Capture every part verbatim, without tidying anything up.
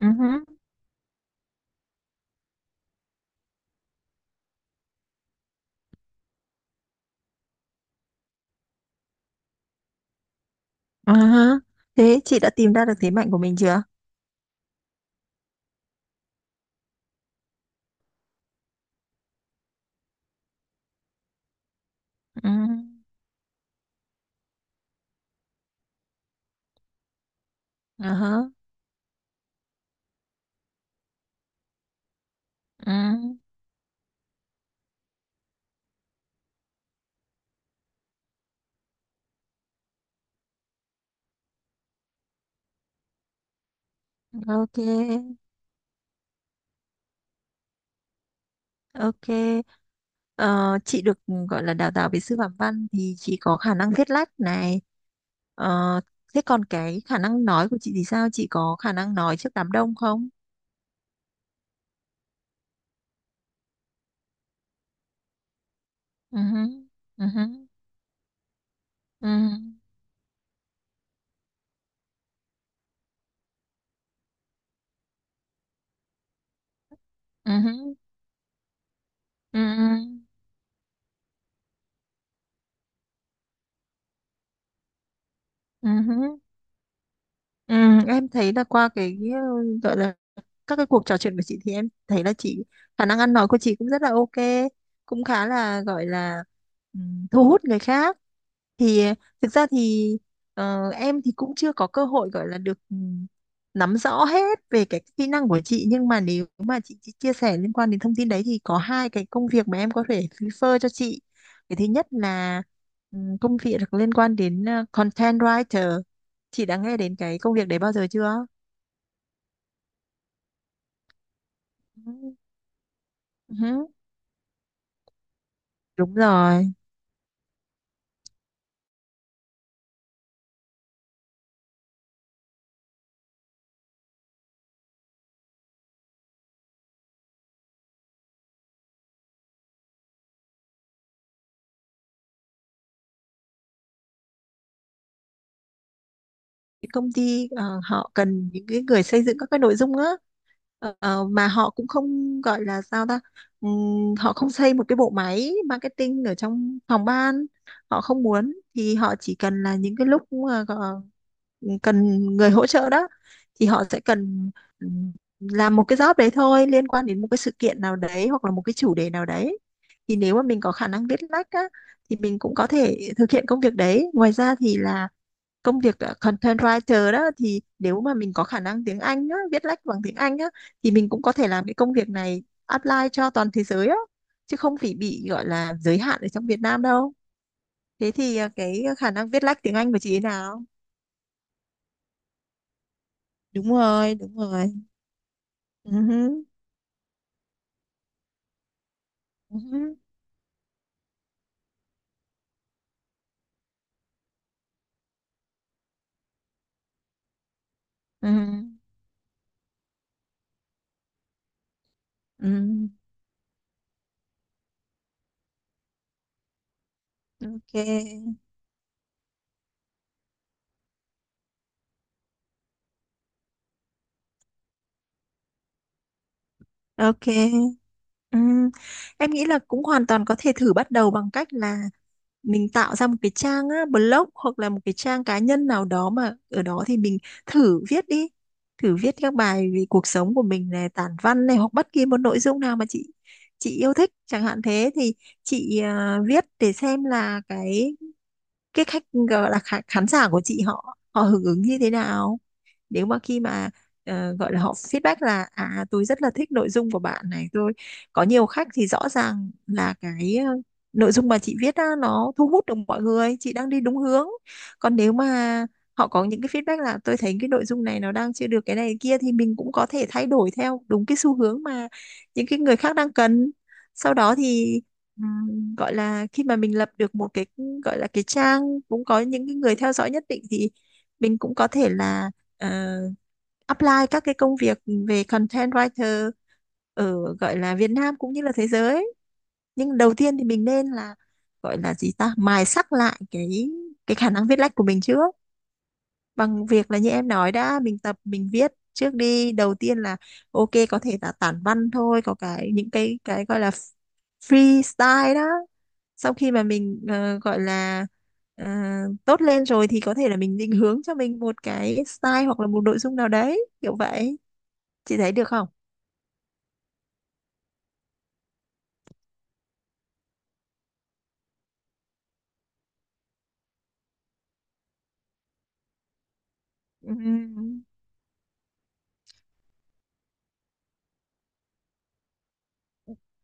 Ừ hứ, ừ hứ. Thế chị đã tìm ra được thế mạnh của mình chưa? Ừ. Ừ hứ, ừ. Ok, ok. Ờ, chị được gọi là đào tạo về sư phạm văn thì chị có khả năng viết lách này. Ờ, Thế còn cái khả năng nói của chị thì sao? Chị có khả năng nói trước đám đông không? Ừ hứ, ừ hứ, ừ, ừ hứ, ừ, ừ, ừ hứ. Ừ, em thấy là qua cái ừ, gọi là các cái cuộc trò chuyện của chị, thì em thấy là chị khả năng ăn nói của chị cũng rất là ok, cũng khá là gọi là ừm, thu hút người khác. Thì thực ra thì ờ, em thì cũng chưa có cơ hội gọi là được ừm, nắm rõ hết về cái kỹ năng của chị, nhưng mà nếu mà chị, chị chia sẻ liên quan đến thông tin đấy thì có hai cái công việc mà em có thể refer cho chị. Cái thứ nhất là ừm, công việc liên quan đến ờ, content writer. Chị đã nghe đến cái công việc đấy bao giờ chưa? Ừ. Đúng rồi, cái công ty ờ, họ cần những cái người xây dựng các cái nội dung á. Ờ, ờ, mà họ cũng không gọi là sao ta. Ừm, họ không xây một cái bộ máy marketing ở trong phòng ban, họ không muốn, thì họ chỉ cần là những cái lúc mà gọ- cần người hỗ trợ đó thì họ sẽ cần ừm, làm một cái job đấy thôi, liên quan đến một cái sự kiện nào đấy hoặc là một cái chủ đề nào đấy. Thì nếu mà mình có khả năng viết lách á thì mình cũng có thể thực hiện công việc đấy. Ngoài ra thì là công việc ờ, content writer đó, thì nếu mà mình có khả năng tiếng Anh á, viết lách bằng tiếng Anh á, thì mình cũng có thể làm cái công việc này apply cho toàn thế giới á, chứ không phải bị gọi là giới hạn ở trong Việt Nam đâu. Thế thì ờ, cái khả năng viết lách tiếng Anh của chị thế nào? Đúng rồi đúng rồi ừ hứ, ừ hứ, ừ ừ Ok, ok. Ừ. Em nghĩ là cũng hoàn toàn có thể thử bắt đầu bằng cách là mình tạo ra một cái trang á, blog hoặc là một cái trang cá nhân nào đó, mà ở đó thì mình thử viết đi, thử viết các bài về cuộc sống của mình này, tản văn này, hoặc bất kỳ một nội dung nào mà chị chị yêu thích chẳng hạn. Thế thì chị à, viết để xem là cái cái khách, gọi là khán khán giả của chị họ họ hưởng ứng như thế nào. Nếu mà khi mà ờ, gọi là họ feedback là à tôi rất là thích nội dung của bạn này, tôi có nhiều khách, thì rõ ràng là cái ờ, nội dung mà chị viết á, nó thu hút được mọi người, chị đang đi đúng hướng. Còn nếu mà họ có những cái feedback là tôi thấy cái nội dung này nó đang chưa được cái này cái kia, thì mình cũng có thể thay đổi theo đúng cái xu hướng mà những cái người khác đang cần. Sau đó thì ừm, gọi là khi mà mình lập được một cái, gọi là cái trang, cũng có những cái người theo dõi nhất định, thì mình cũng có thể là ờ, apply các cái công việc về content writer ở gọi là Việt Nam cũng như là thế giới. Nhưng đầu tiên thì mình nên là, gọi là gì ta, mài sắc lại cái cái khả năng viết lách của mình trước, bằng việc là như em nói đã, mình tập mình viết trước đi. Đầu tiên là ok, có thể là tản văn thôi, có cái những cái cái gọi là freestyle đó. Sau khi mà mình ờ, gọi là ờ, tốt lên rồi thì có thể là mình định hướng cho mình một cái style hoặc là một nội dung nào đấy kiểu vậy. Chị thấy được không? Ừm.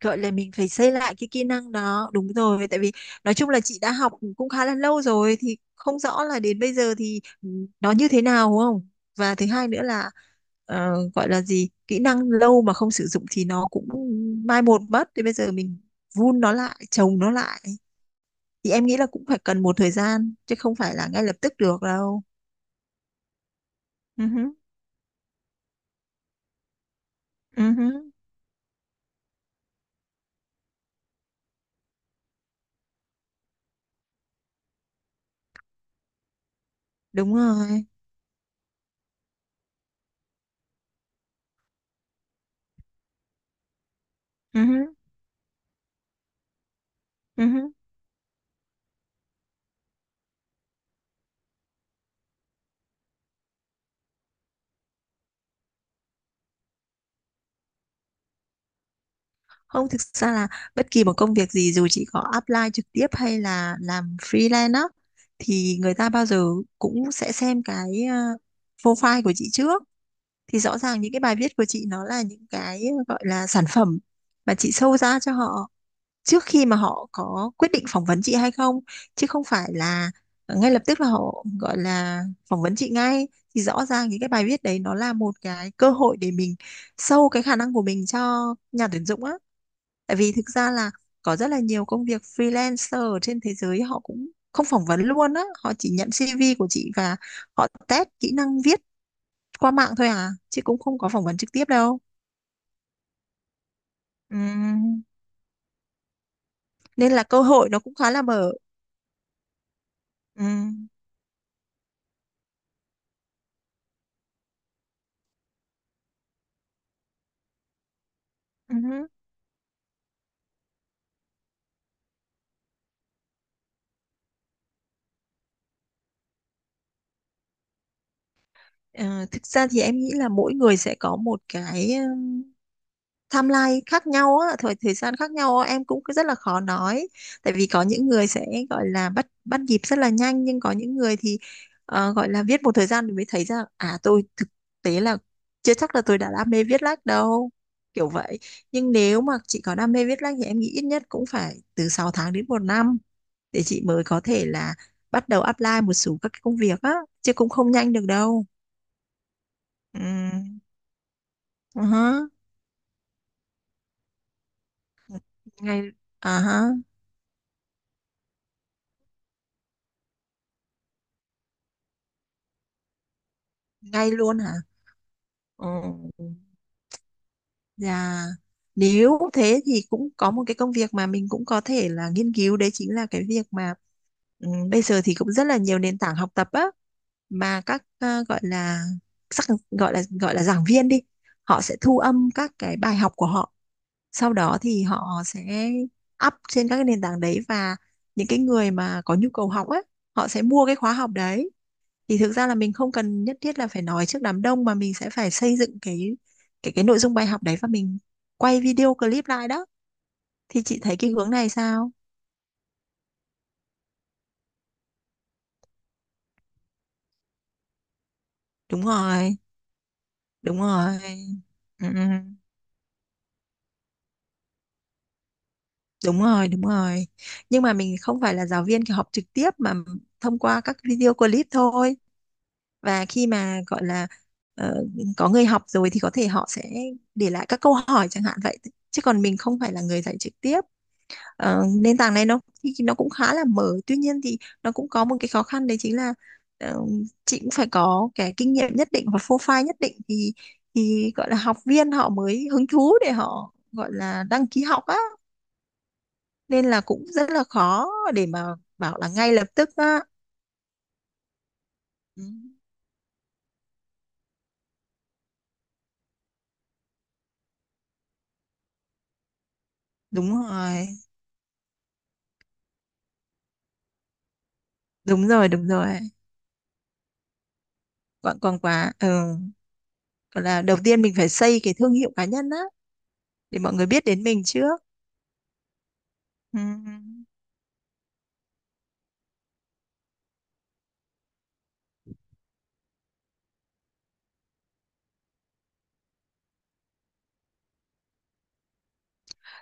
Gọi là mình phải xây lại cái kỹ năng đó, đúng rồi, tại vì nói chung là chị đã học cũng khá là lâu rồi thì không rõ là đến bây giờ thì ừ, nó như thế nào, đúng không. Và thứ hai nữa là ờ, gọi là gì, kỹ năng lâu mà không sử dụng thì nó cũng mai một mất, thì bây giờ mình vun nó lại, trồng nó lại, thì em nghĩ là cũng phải cần một thời gian chứ không phải là ngay lập tức được đâu. Ừ hứ, ừ hứ, đúng rồi. Ừ hứ, ừ hứ. Không, thực ra là bất kỳ một công việc gì, dù chị có apply trực tiếp hay là làm freelance á, thì người ta bao giờ cũng sẽ xem cái ờ, profile của chị trước. Thì rõ ràng những cái bài viết của chị nó là những cái ờ, gọi là sản phẩm mà chị show ra cho họ trước khi mà họ có quyết định phỏng vấn chị hay không, chứ không phải là ngay lập tức là họ gọi là phỏng vấn chị ngay. Thì rõ ràng thì cái bài viết đấy nó là một cái cơ hội để mình show cái khả năng của mình cho nhà tuyển dụng á. Tại vì thực ra là có rất là nhiều công việc freelancer ở trên thế giới họ cũng không phỏng vấn luôn á, họ chỉ nhận xê vê của chị và họ test kỹ năng viết qua mạng thôi à, chứ cũng không có phỏng vấn trực tiếp đâu. Ừm, Nên là cơ hội nó cũng khá là mở. Ừm, ừm. Ờ, thực ra thì em nghĩ là mỗi người sẽ có một cái um, timeline khác nhau á, thời thời gian khác nhau á, em cũng cứ rất là khó nói. Tại vì có những người sẽ gọi là bắt bắt nhịp rất là nhanh, nhưng có những người thì ờ, gọi là viết một thời gian thì mới thấy ra à tôi thực tế là chưa chắc là tôi đã đam mê viết lách đâu. Kiểu vậy. Nhưng nếu mà chị có đam mê viết lách thì em nghĩ ít nhất cũng phải từ sáu tháng đến một năm để chị mới có thể là bắt đầu apply một số các cái công việc á, chứ cũng không nhanh được đâu. Ừ. Ừ hứ, ngay à hả, ngay luôn hả? Ừ. Dạ. Nếu thế thì cũng có một cái công việc mà mình cũng có thể là nghiên cứu, đấy chính là cái việc mà ừ, bây giờ thì cũng rất là nhiều nền tảng học tập á, mà các ờ, gọi là sắc, gọi là gọi là giảng viên đi, họ sẽ thu âm các cái bài học của họ. Sau đó thì họ sẽ up trên các cái nền tảng đấy, và những cái người mà có nhu cầu học á, họ sẽ mua cái khóa học đấy. Thì thực ra là mình không cần nhất thiết là phải nói trước đám đông, mà mình sẽ phải xây dựng cái cái cái nội dung bài học đấy và mình quay video clip lại đó. Thì chị thấy cái hướng này sao? Đúng rồi, đúng rồi. Ừ, ừ, đúng rồi, đúng rồi. Nhưng mà mình không phải là giáo viên kiểu học trực tiếp, mà thông qua các video clip thôi. Và khi mà gọi là ờ, có người học rồi thì có thể họ sẽ để lại các câu hỏi chẳng hạn vậy, chứ còn mình không phải là người dạy trực tiếp. Ờ, nền tảng này nó thì nó cũng khá là mở, tuy nhiên thì nó cũng có một cái khó khăn đấy chính là ờ, chị cũng phải có cái kinh nghiệm nhất định và profile nhất định thì thì gọi là học viên họ mới hứng thú để họ gọi là đăng ký học á, nên là cũng rất là khó để mà bảo là ngay lập tức á. Ừ, đúng rồi, đúng rồi, đúng rồi. Quảng quảng quá ừ. Gọi là đầu tiên mình phải xây cái thương hiệu cá nhân á để mọi người biết đến mình trước. Ừ.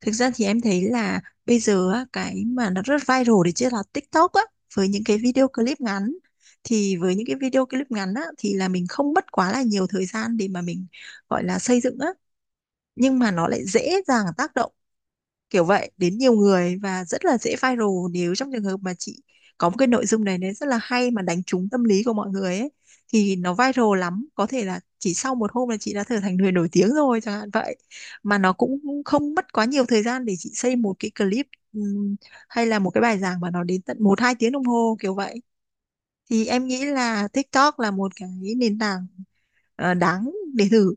Thực ra thì em thấy là bây giờ á, cái mà nó rất viral đấy chứ là TikTok á, với những cái video clip ngắn. Thì với những cái video clip ngắn á, thì là mình không mất quá là nhiều thời gian để mà mình gọi là xây dựng á. Nhưng mà nó lại dễ dàng tác động kiểu vậy đến nhiều người, và rất là dễ viral nếu trong trường hợp mà chị có một cái nội dung này nó rất là hay mà đánh trúng tâm lý của mọi người ấy, thì nó viral lắm, có thể là chỉ sau một hôm là chị đã trở thành người nổi tiếng rồi chẳng hạn vậy. Mà nó cũng không mất quá nhiều thời gian để chị xây một cái clip, ừm, hay là một cái bài giảng mà nó đến tận một hai tiếng đồng hồ kiểu vậy. Thì em nghĩ là TikTok là một cái nền tảng ờ, đáng để thử.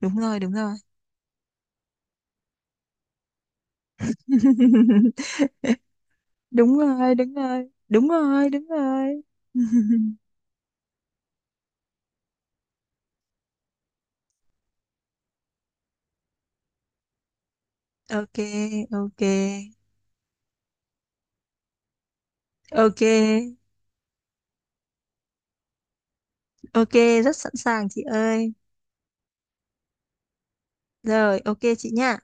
Đúng rồi, đúng rồi. Đúng rồi, đúng rồi, đúng rồi, đúng rồi. Ok, ok. Ok, ok, rất sẵn sàng chị ơi. Rồi, ok chị nha.